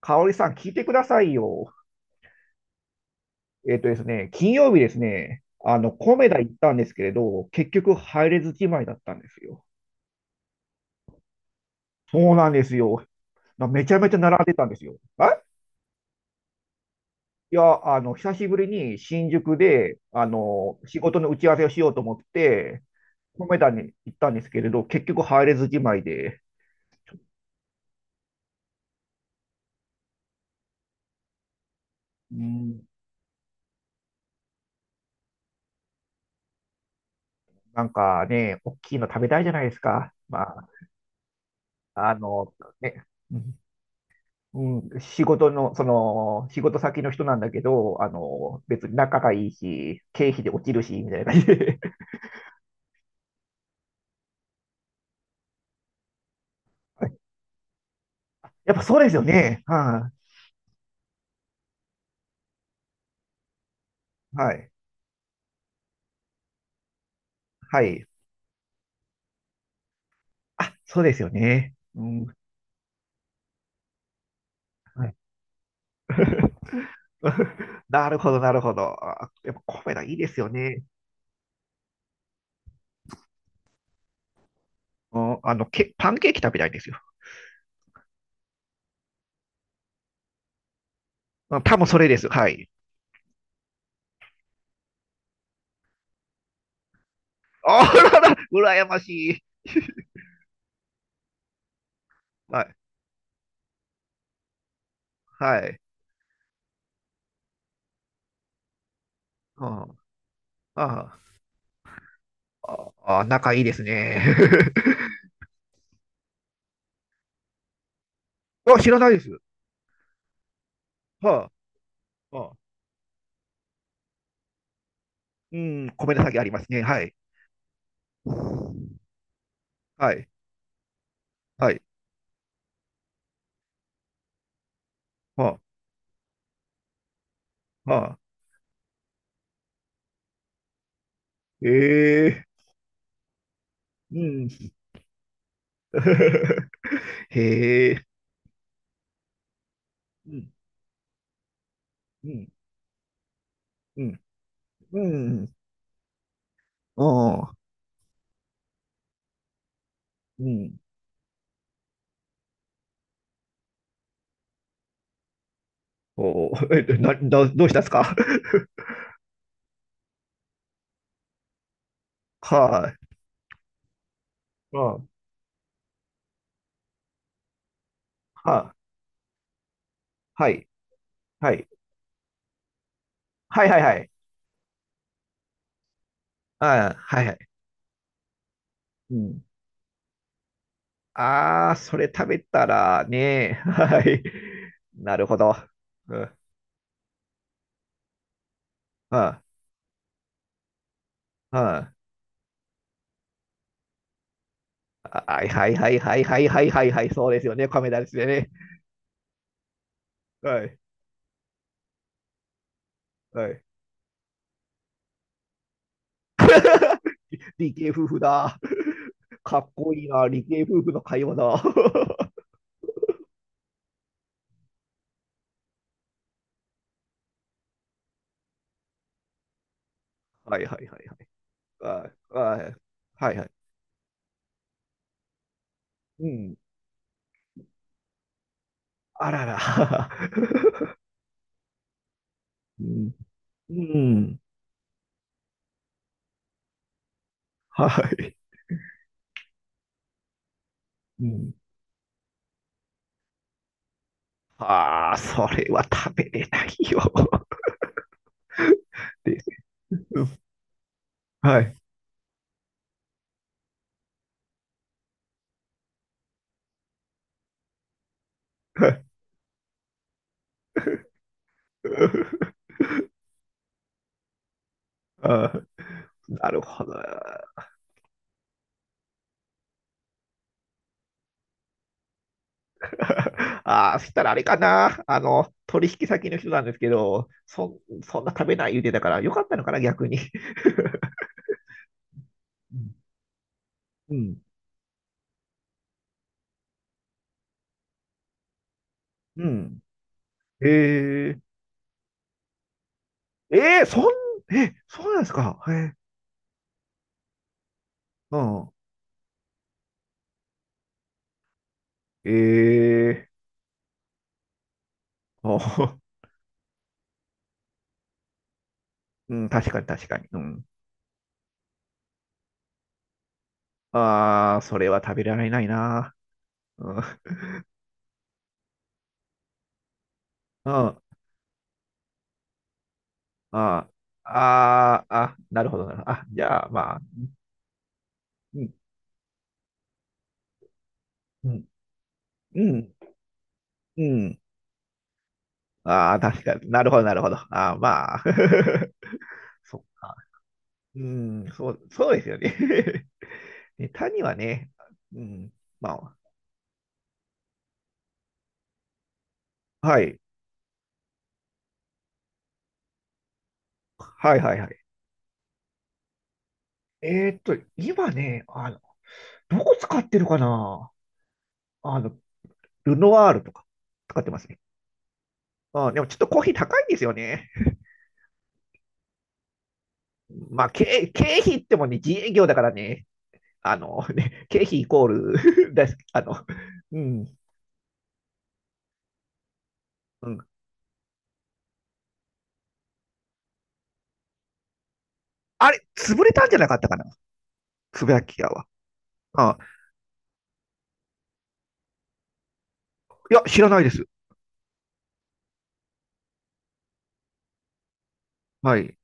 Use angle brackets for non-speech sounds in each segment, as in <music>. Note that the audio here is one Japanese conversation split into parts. かおりさん、聞いてくださいよ。えっとですね、金曜日ですね、コメダ行ったんですけれど、結局入れずじまいだったんですよ。そうなんですよ。なめちゃめちゃ並んでたんですよ。いや、久しぶりに新宿で、仕事の打ち合わせをしようと思って、コメダに行ったんですけれど、結局入れずじまいで。うん、なんかね、大きいの食べたいじゃないですか。まあ、あの、ね、うんうん、仕事先の人なんだけど、別に仲がいいし、経費で落ちるし、みたいな感じで。<laughs> はい。やっぱそうですよね。はい。はい。はい。あ、そうですよね。うん。はい。<laughs> なるほど、なるほど。あ、やっぱコメダいいですよね。うん、パンケーキ食べたいんですよ。うん、多分それです。はい。あらら、羨ましい。はい。はい。うん、ああ、あ、仲いいですね。<laughs> あ、知らないです。はあ、うん、米の先ありますね。はい。はい。はい。はあ、はあ。ええ、うん。<laughs> へえ。うん。うん。うん。うん。ああ。うん。おお。え、な、な、どうしたんですか？ <laughs> はい。ああ。はあ。はい。はい。はいはいはい。ああ、はいはい。うん。ああ、それ食べたらね。<laughs> はい。なるほど。うん。ああ。はいはいはいはいはいはいはいはい、そうですよね、亀田ですよね。はいはい。<laughs> 理系夫婦だ。かっこいいな、理系夫婦の会話だ。<laughs> はいはいはいはい。はいはいはいはい。うん。あらら。<laughs> うん。うん。はい。うん。ああ、それは食べれないよ。<laughs> です。うん。はい。はい。 <laughs> あー、なるほど。<laughs> ああ、そしたらあれかな。取引先の人なんですけど、そんな食べない言うてたから、よかったのかな、逆に。<laughs> うん。うん。えええーえーそん、え、そうなんですか。ええ、うん。ええ、あ。 <laughs> うん、確かに確かに。うん。ああ、それは食べられないな。うん。うん。ああ、ああ、なるほどなるほど。あ、じゃあ、まあ、うん。うん。うん。うん。ああ、確かに。なるほど、なるほど。ああ、まあ。<laughs> そっか。うん、そう、そうですよね。<laughs> ネタはね、うん、まあ、はい、はいはいはい。今ね、どこ使ってるかな。あの、ルノワールとか使ってますね。うん、でもちょっとコーヒー高いんですよね。まあ、経費ってもね、自営業だからね、経費イコール <laughs> です、うん、うん。あれ、潰れたんじゃなかったかな、つぶやき屋は。うん。いや、知らないです。はい。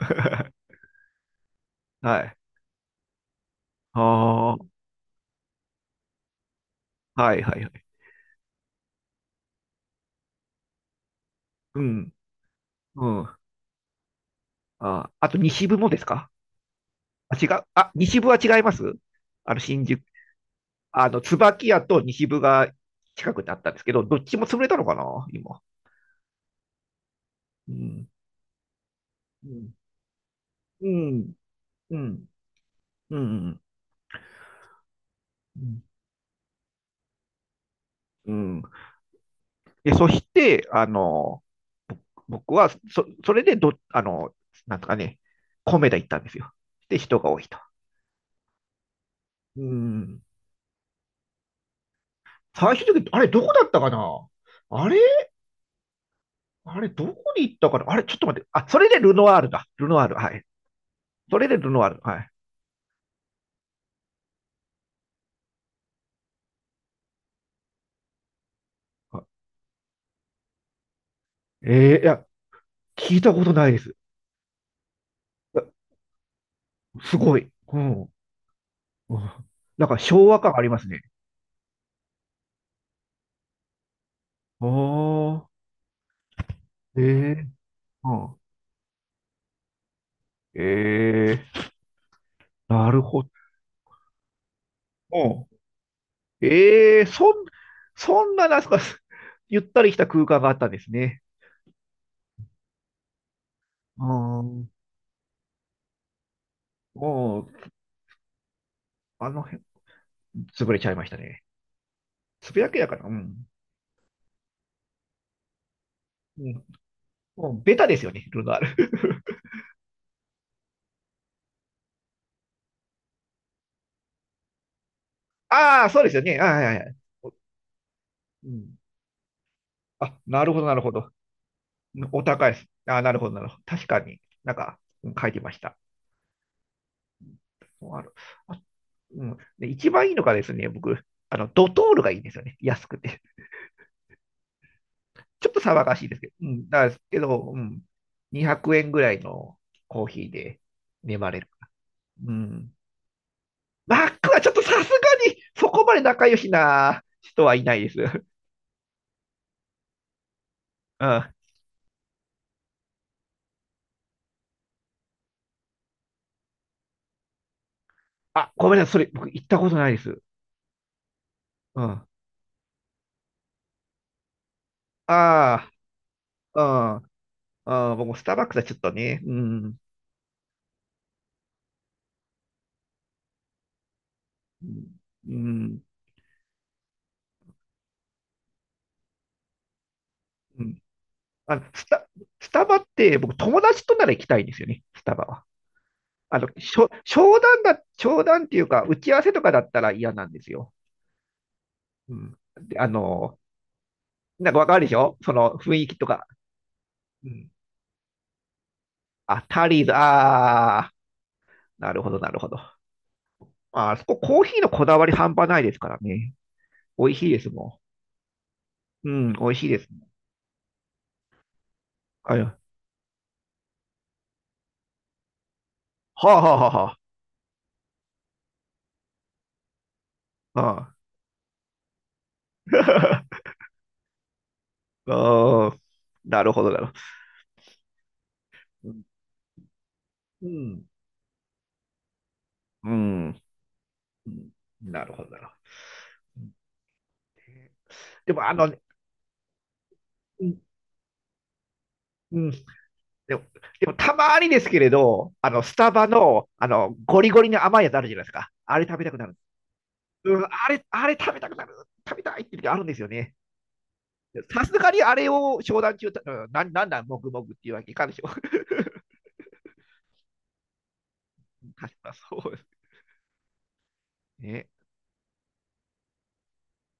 <laughs> はい。ああ、はいはいはい。うん、うん。あ、あと西部もですか？あ、違う。あ、西部は違います。新宿、椿屋と西部が近くにあったんですけど、どっちも潰れたのかな今。うん、うん、うん、うん、うん、うん。うん。で、そして、あの、僕は、そ、それでど、あの、なんとかね、米田行ったんですよ。で、人が多いと。うん。最終的に、あれ、どこだったかな。あれあれ、どこに行ったかな。あれ、ちょっと待って。あ、それでルノワールだ。ルノワール。はい。それでルノワール。はい。えー、いや、聞いたことないです。あ、すごい。うん。うん。なんか昭和感ありますね。ああ、ええ、うん。ええ、なるほど。うん。ええ、そんな、なんすか。<laughs> ゆったりした空間があったんですね。うん。もう、あの辺、潰れちゃいましたね。つぶやきだから、うん。うん。もうベタですよね、ルナール。<laughs> ああ、そうですよね。ああ、はいはいはい。お、うん、あ、なるほど、なるほど。お高いです。ああ、なるほど、なるほど。確かになんか、うん、書いてました。ある。あ、うん。で、一番いいのがですね、僕、ドトールがいいんですよね。安くて。ちょっと騒がしいですけど。うん。だですけど、うん。200円ぐらいのコーヒーで眠れる。うん。マックはちょっとさすがに、そこまで仲良しな人はいないです。<laughs> うん。あ、ごめんなさい。それ、僕行ったことないです。うん。ああ、うん、ああ、僕もスターバックスはちょっとね、うん、うん、うん。あの、スタ、スタバって僕友達となら行きたいんですよね、スタバは。あの、しょ、商談だ、商談っていうか、打ち合わせとかだったら嫌なんですよ。うん。で、なんかわかるでしょ、その雰囲気とか。うん。あ、タリーズ、ああ、なるほど、なるほど。あ、あそこコーヒーのこだわり半端ないですからね。美味しいですもん。うん、美味しいです。あ、はあはあはあはあ。<laughs> ああ、なるほど、なるほど。うん。うん。うん。なるほど、なるほど。でも、うん、うん、でも、たまにですけれど、スタバの、ゴリゴリの甘いやつあるじゃないですか。あれ食べたくなる。うん、あれ食べたくなる。食べたいって時あるんですよね。さすがにあれを商談中、うん、なんなんだ、もぐもぐっていうわけいかんでしょう。<laughs> 確かそうですね。